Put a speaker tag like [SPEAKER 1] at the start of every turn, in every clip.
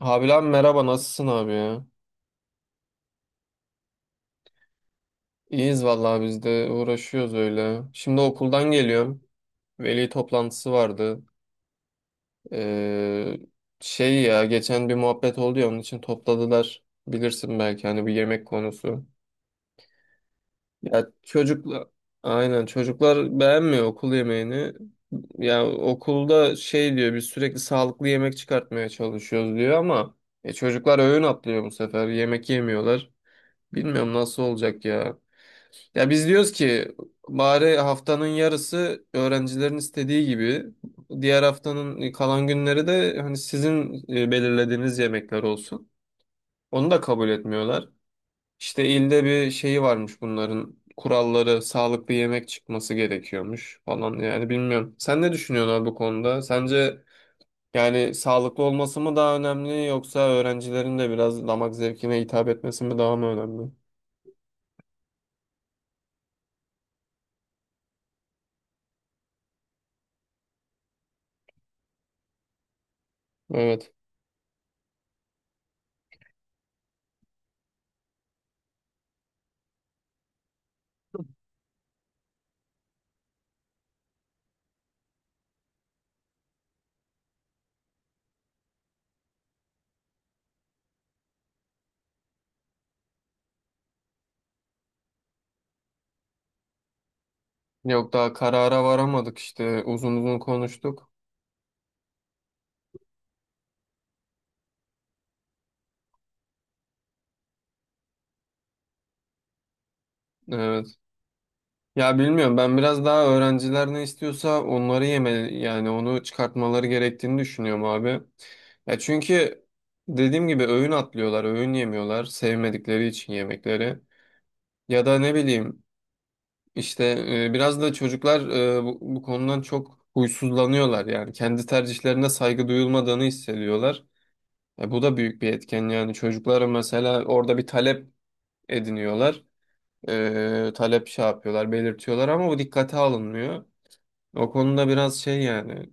[SPEAKER 1] Abi lan merhaba nasılsın abi ya? İyiyiz vallahi biz de uğraşıyoruz öyle. Şimdi okuldan geliyorum. Veli toplantısı vardı. Ee, şey ya geçen bir muhabbet oldu ya onun için topladılar. Bilirsin belki hani bir yemek konusu. Ya çocuklar aynen çocuklar beğenmiyor okul yemeğini. Ya okulda şey diyor biz sürekli sağlıklı yemek çıkartmaya çalışıyoruz diyor ama çocuklar öğün atlıyor bu sefer. Yemek yemiyorlar. Bilmiyorum nasıl olacak ya. Ya biz diyoruz ki bari haftanın yarısı öğrencilerin istediği gibi diğer haftanın kalan günleri de hani sizin belirlediğiniz yemekler olsun. Onu da kabul etmiyorlar. İşte ilde bir şeyi varmış bunların kuralları sağlıklı yemek çıkması gerekiyormuş falan yani bilmiyorum. Sen ne düşünüyorsun abi bu konuda? Sence yani sağlıklı olması mı daha önemli yoksa öğrencilerin de biraz damak zevkine hitap etmesi mi daha mı önemli? Evet. Yok daha karara varamadık işte uzun uzun konuştuk. Evet. Ya bilmiyorum ben biraz daha öğrenciler ne istiyorsa onları yeme yani onu çıkartmaları gerektiğini düşünüyorum abi. Ya çünkü dediğim gibi öğün atlıyorlar, öğün yemiyorlar sevmedikleri için yemekleri. Ya da ne bileyim işte biraz da çocuklar bu konudan çok huysuzlanıyorlar yani kendi tercihlerine saygı duyulmadığını hissediyorlar. E, bu da büyük bir etken yani çocuklara mesela orada bir talep ediniyorlar. Talep şey yapıyorlar, belirtiyorlar ama bu dikkate alınmıyor. O konuda biraz şey yani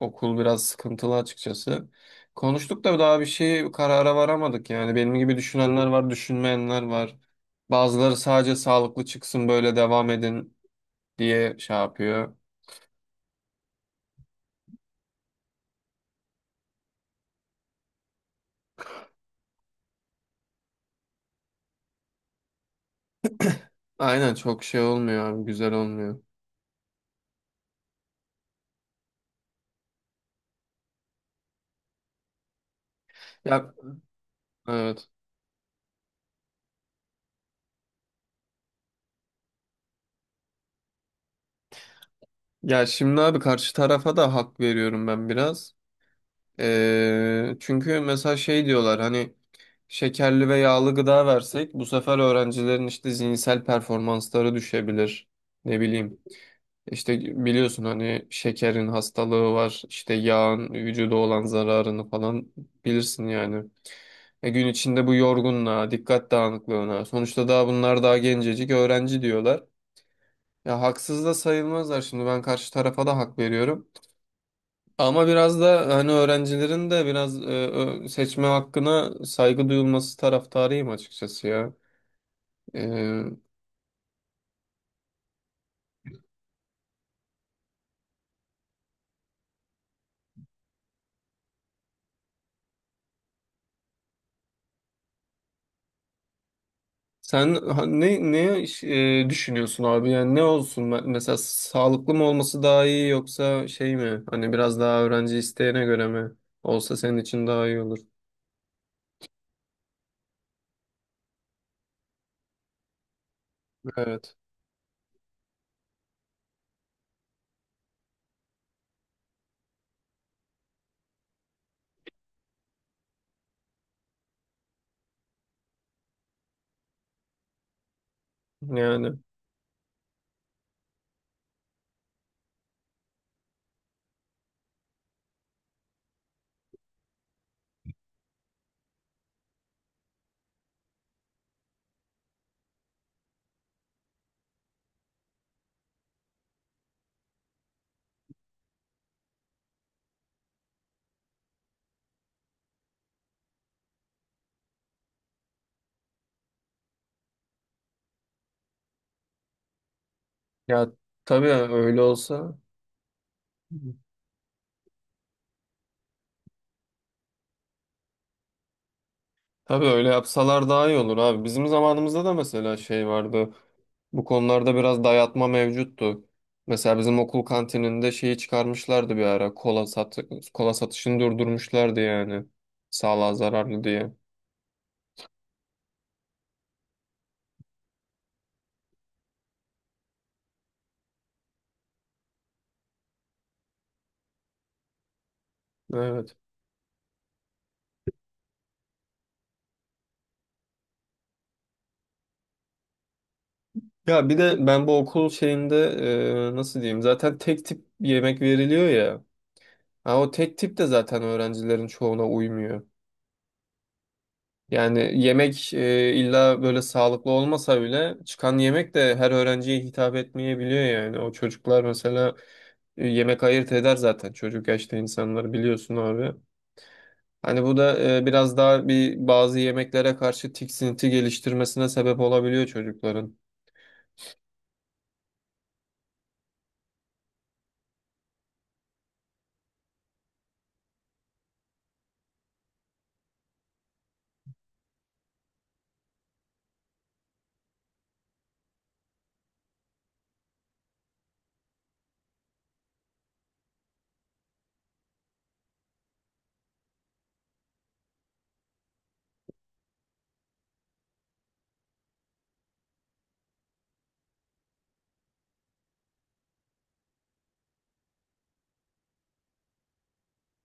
[SPEAKER 1] okul biraz sıkıntılı açıkçası. Konuştuk da daha bir şey karara varamadık yani. Benim gibi düşünenler var, düşünmeyenler var. Bazıları sadece sağlıklı çıksın böyle devam edin diye şey yapıyor. Aynen çok şey olmuyor abi, güzel olmuyor. Ya evet. Ya şimdi abi karşı tarafa da hak veriyorum ben biraz. Çünkü mesela şey diyorlar hani şekerli ve yağlı gıda versek bu sefer öğrencilerin işte zihinsel performansları düşebilir. Ne bileyim işte biliyorsun hani şekerin hastalığı var işte yağın vücuda olan zararını falan bilirsin yani. E gün içinde bu yorgunluğa, dikkat dağınıklığına sonuçta daha bunlar daha gencecik öğrenci diyorlar. Ya haksız da sayılmazlar şimdi ben karşı tarafa da hak veriyorum. Ama biraz da hani öğrencilerin de biraz seçme hakkına saygı duyulması taraftarıyım açıkçası ya. E, sen ne düşünüyorsun abi? Yani ne olsun? Mesela sağlıklı mı olması daha iyi yoksa şey mi? Hani biraz daha öğrenci isteğine göre mi olsa senin için daha iyi olur. Evet. Yani ya tabii öyle olsa. Tabii öyle yapsalar daha iyi olur abi. Bizim zamanımızda da mesela şey vardı. Bu konularda biraz dayatma mevcuttu. Mesela bizim okul kantininde şeyi çıkarmışlardı bir ara. Kola satışını durdurmuşlardı yani. Sağlığa zararlı diye. Evet. Ya bir de ben bu okul şeyinde nasıl diyeyim? Zaten tek tip yemek veriliyor ya. Ha, o tek tip de zaten öğrencilerin çoğuna uymuyor. Yani yemek illa böyle sağlıklı olmasa bile çıkan yemek de her öğrenciye hitap etmeyebiliyor yani. O çocuklar mesela yemek ayırt eder zaten çocuk yaşta insanları biliyorsun abi. Hani bu da biraz daha bir bazı yemeklere karşı tiksinti geliştirmesine sebep olabiliyor çocukların.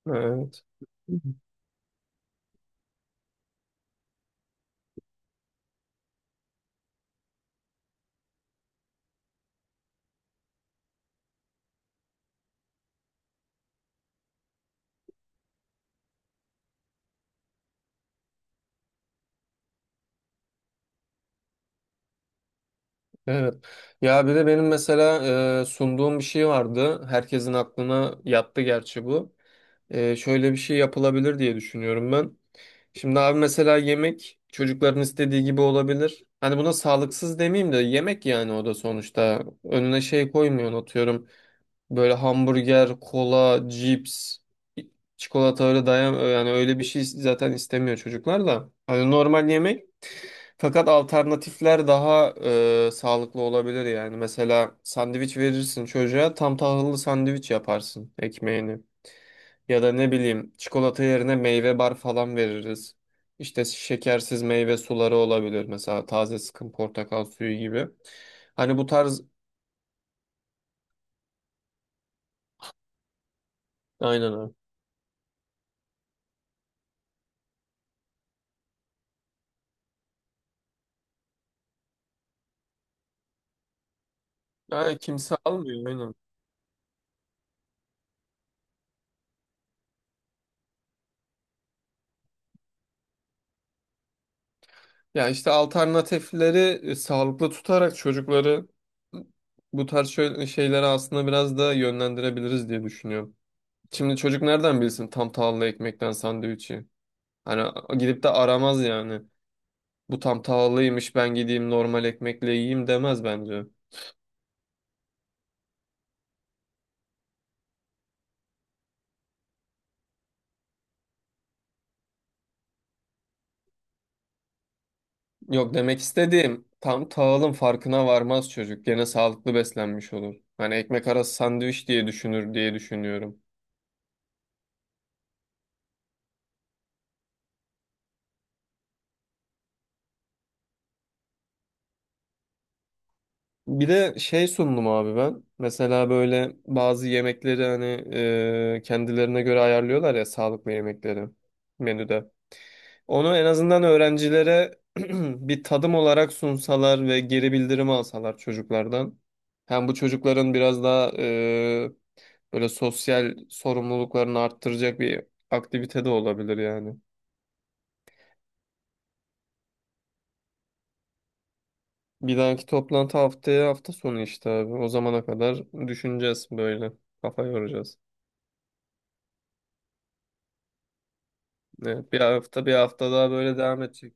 [SPEAKER 1] Evet. Evet. Ya bir de benim mesela sunduğum bir şey vardı. Herkesin aklına yattı gerçi bu. Şöyle bir şey yapılabilir diye düşünüyorum ben. Şimdi abi mesela yemek çocukların istediği gibi olabilir. Hani buna sağlıksız demeyeyim de yemek yani o da sonuçta. Önüne şey koymuyorsun atıyorum. Böyle hamburger, kola, cips, çikolata öyle dayan yani öyle bir şey zaten istemiyor çocuklar da. Hani normal yemek fakat alternatifler daha sağlıklı olabilir yani. Mesela sandviç verirsin çocuğa tam tahıllı sandviç yaparsın ekmeğini. Ya da ne bileyim çikolata yerine meyve bar falan veririz. İşte şekersiz meyve suları olabilir mesela taze sıkım portakal suyu gibi. Hani bu tarz aynen abi. Yani kimse almıyor aynen. Ya işte alternatifleri sağlıklı tutarak çocukları bu tarz şöyle şeylere aslında biraz da yönlendirebiliriz diye düşünüyorum. Şimdi çocuk nereden bilsin tam tahıllı ekmekten sandviçi? Hani gidip de aramaz yani. Bu tam tahıllıymış ben gideyim normal ekmekle yiyeyim demez bence. Yok demek istediğim tam tahılın farkına varmaz çocuk. Gene sağlıklı beslenmiş olur. Hani ekmek arası sandviç diye düşünür diye düşünüyorum. Bir de şey sundum abi ben. Mesela böyle bazı yemekleri hani kendilerine göre ayarlıyorlar ya sağlıklı yemekleri menüde. Onu en azından öğrencilere bir tadım olarak sunsalar ve geri bildirim alsalar çocuklardan. Hem bu çocukların biraz daha böyle sosyal sorumluluklarını arttıracak bir aktivite de olabilir yani. Bir dahaki toplantı haftaya hafta sonu işte abi. O zamana kadar düşüneceğiz böyle. Kafa yoracağız. Evet, bir hafta bir hafta daha böyle devam edecek.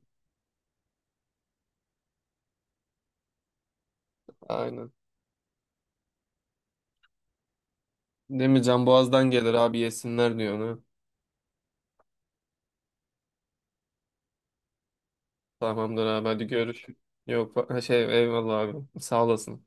[SPEAKER 1] Aynen. Değil mi? Can Boğaz'dan gelir abi yesinler diyor ona. Tamamdır abi hadi görüş. Yok ha şey eyvallah abi. Sağ olasın.